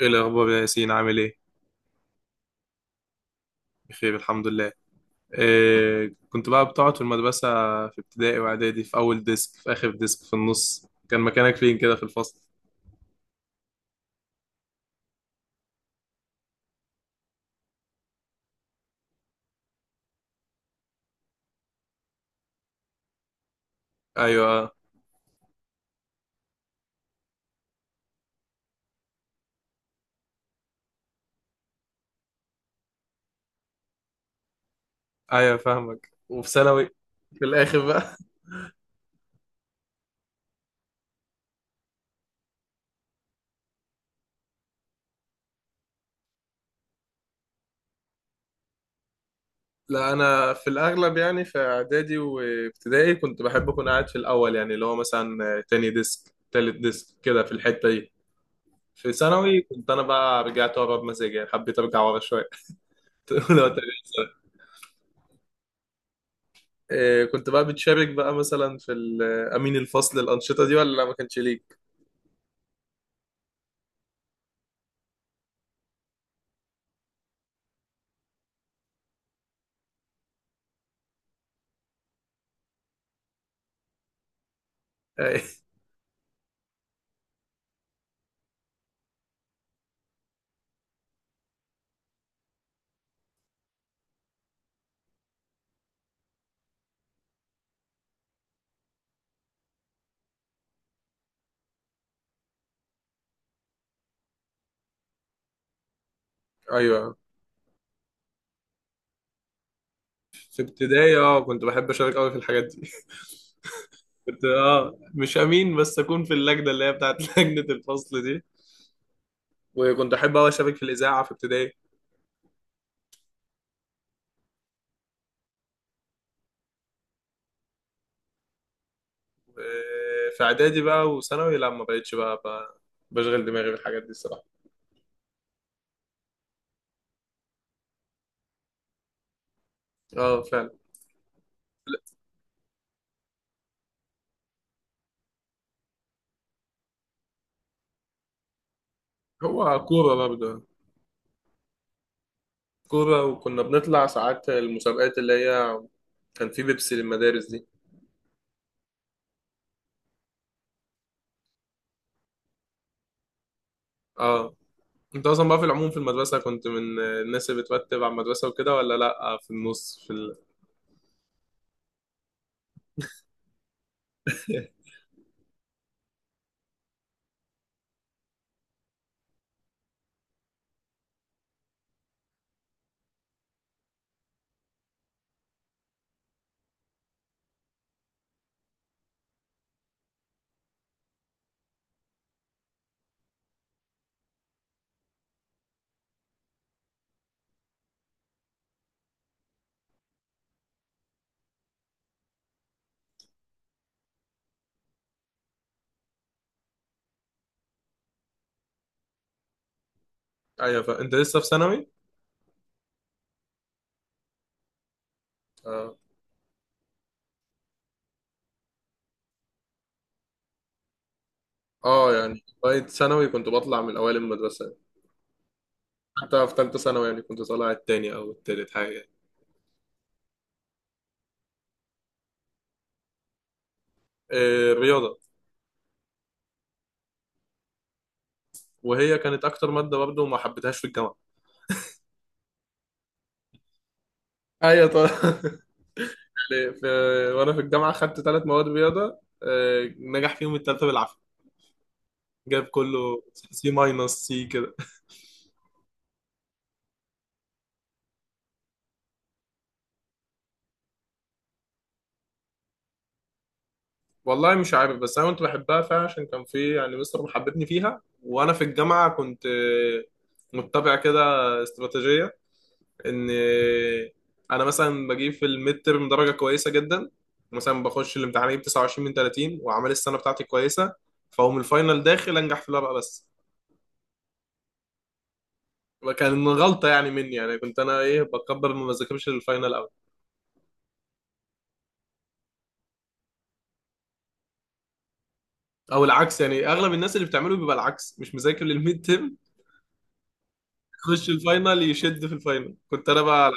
ايه الاخبار يا ياسين؟ عامل ايه؟ بخير الحمد لله. إيه كنت بقى بتقعد في المدرسه في ابتدائي واعدادي؟ في اول ديسك، في اخر ديسك، في النص؟ كان مكانك فين كده في الفصل؟ ايوه. آه. ايوه فاهمك. وفي ثانوي في الاخر بقى؟ لا انا في الاغلب يعني في اعدادي وابتدائي كنت بحب اكون قاعد في الاول، يعني اللي هو مثلا تاني ديسك تالت ديسك كده، في الحته دي. في ثانوي كنت انا بقى رجعت ورا بمزاجي، يعني حبيت ارجع ورا شويه. لو ترجع. كنت بقى بتشارك بقى مثلا في امين الفصل الانشطه دي ولا لا ما كانش ليك؟ آه، ايوه في ابتدائي اه كنت بحب اشارك قوي في الحاجات دي. كنت اه مش امين، بس اكون في اللجنه اللي هي بتاعت لجنه الفصل دي. وكنت احب قوي اشارك في الاذاعه في ابتدائي. في اعدادي بقى وثانوي لا، ما بقتش بقى بشغل دماغي بالحاجات دي الصراحه. اه فعلا. هو كورة برضه. كورة، وكنا بنطلع ساعات المسابقات اللي هي كان في بيبسي للمدارس دي. اه. انت اصلا بقى في العموم في المدرسه كنت من الناس اللي بترتب على المدرسه وكده ولا لا، في النص، في ال...؟ ايوه. فانت لسه في ثانوي؟ اه. اه يعني لغايه ثانوي كنت بطلع من اوائل المدرسه يعني. حتى في ثالثه ثانوي يعني كنت طالع التاني او التالت حاجه يعني. آه رياضه. وهي كانت اكتر ماده برضه ما حبيتهاش في الجامعه. ايوه طبعا. يعني في... وانا في الجامعه خدت ثلاث مواد رياضه آه نجح فيهم الثالثه بالعافيه. جاب كله سي ماينس سي كده. والله مش عارف، بس انا كنت بحبها فعلا عشان كان في يعني مستر محببني فيها. وانا في الجامعه كنت متبع كده استراتيجيه ان انا مثلا بجيب في الميد ترم درجه كويسه جدا. مثلا بخش الامتحان اجيب 29 من 30 واعمال السنه بتاعتي كويسه، فاقوم الفاينل داخل انجح في الورقه بس. وكان غلطه يعني مني، يعني كنت انا ايه بكبر ما بذاكرش للفاينل قوي. او العكس، يعني اغلب الناس اللي بتعمله بيبقى العكس، مش مذاكر للميد ترم، يخش الفاينل يشد في الفاينل. كنت انا بقى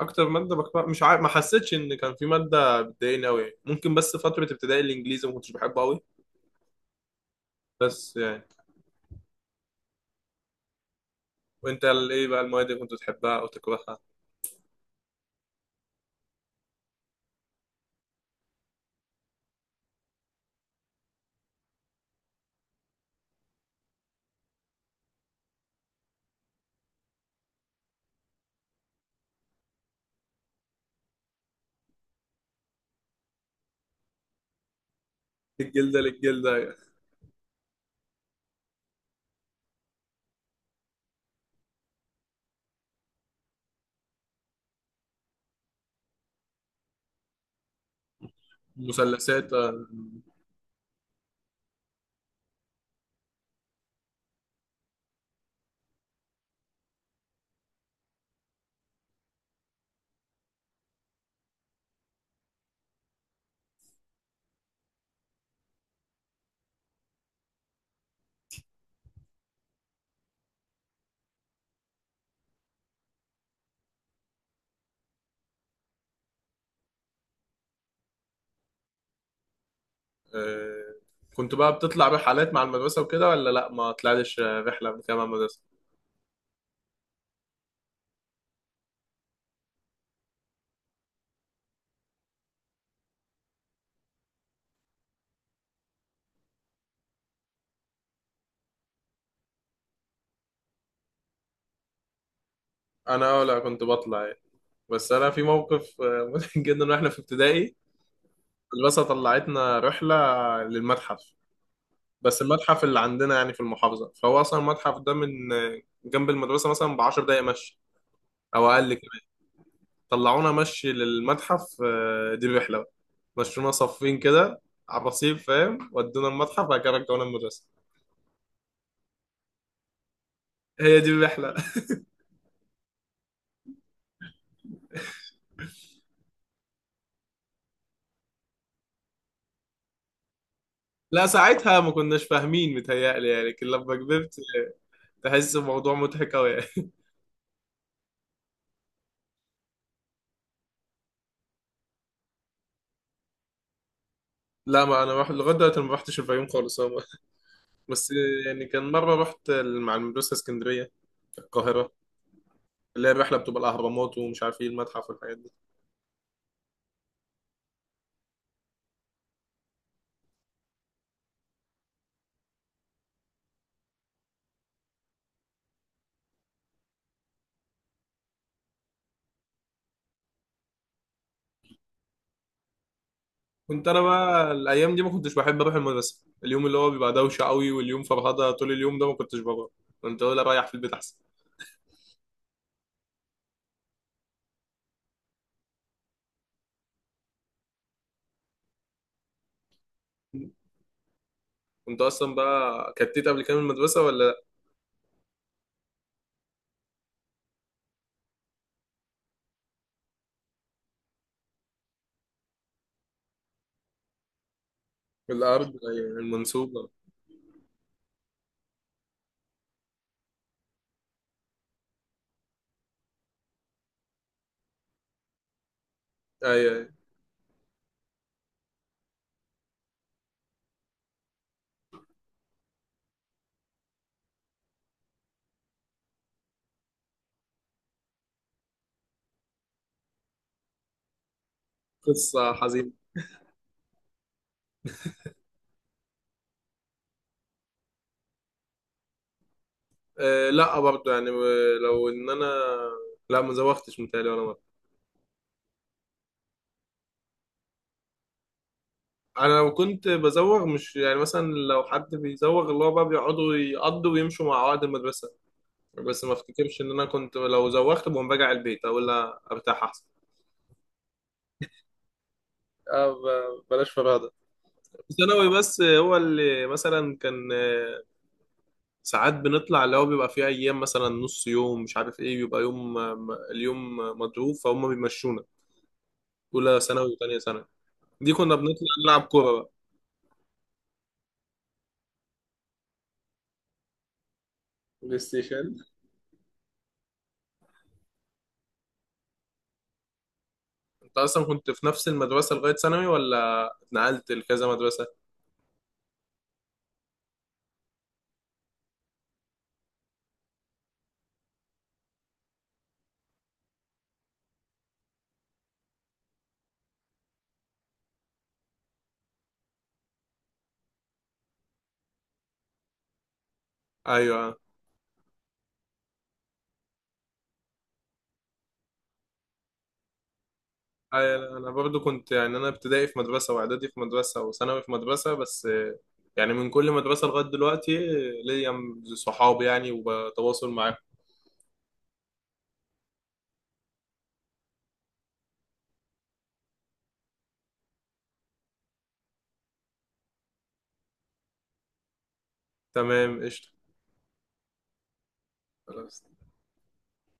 اكتر ماده بكره مش عارف، ما حسيتش ان كان في ماده بتضايقني قوي، ممكن بس فتره ابتدائي الانجليزي ما كنتش بحبه قوي، بس يعني. وانت ايه بقى المواد اللي كنت بتحبها او تكرهها؟ الجلده للجلده. المثلثات. آه، كنت بقى بتطلع رحلات مع المدرسه وكده، ولا لا ما طلعتش رحله قبل كده مع المدرسه؟ انا اه لا كنت بطلع يعني. بس انا في موقف مضحك جدا واحنا في ابتدائي. المدرسه طلعتنا رحله للمتحف. بس المتحف اللي عندنا يعني في المحافظة، فهو أصلا المتحف ده من جنب المدرسة مثلا بعشر دقايق مشي، أو أقل كمان. طلعونا مشي للمتحف، دي الرحلة بقى. مشونا صفين كده على الرصيف، فاهم، ودونا المتحف، بعد كده رجعونا المدرسة. هي دي الرحلة. لا ساعتها ما كناش فاهمين متهيألي يعني، لكن لما كبرت تحس الموضوع مضحك أوي يعني. لا ما أنا رحت لغاية دلوقتي ما رحتش الفيوم خالص هو. بس يعني كان مرة رحت مع المدرسة اسكندرية، القاهرة، اللي هي الرحلة بتبقى الأهرامات ومش عارف إيه المتحف والحاجات دي. كنت انا بقى الايام دي ما كنتش بحب اروح المدرسه. اليوم اللي هو بيبقى دوشه قوي واليوم فرهده طول اليوم ده ما كنتش بروح، كنت اقول اريح في البيت احسن. كنت اصلا بقى كتيت قبل كده من المدرسه ولا لا؟ الارض أيوة، المنصوبه. ايوه أيوة. قصه حزينه. أه لا برضه يعني. لو ان انا لا ما زوغتش متهيألي ولا مره. انا لو كنت بزوغ مش يعني مثلا لو حد بيزوغ اللي هو بقى بيقعدوا يقضوا ويمشوا مع عقد المدرسه، بس ما افتكرش ان انا كنت لو زوغت بقوم راجع البيت اقول لا ارتاح احسن. اه بلاش فرهده. في ثانوي بس هو اللي مثلا كان ساعات بنطلع، اللي هو بيبقى فيه ايام مثلا نص يوم مش عارف ايه بيبقى يوم اليوم مضروب فهم بيمشونا، اولى ثانوي وثانيه ثانوي دي كنا بنطلع. نلعب كوره بقى، بلاي ستيشن. انت اصلا كنت في نفس المدرسه لغايه ثانوي ولا اتنقلت لكذا مدرسه؟ ايوه. انا برضو كنت يعني انا ابتدائي في مدرسه واعدادي في مدرسه وثانوي في مدرسه، بس يعني من كل مدرسه لغايه دلوقتي ليا صحاب يعني وبتواصل معاهم. تمام قشطه. خلاص.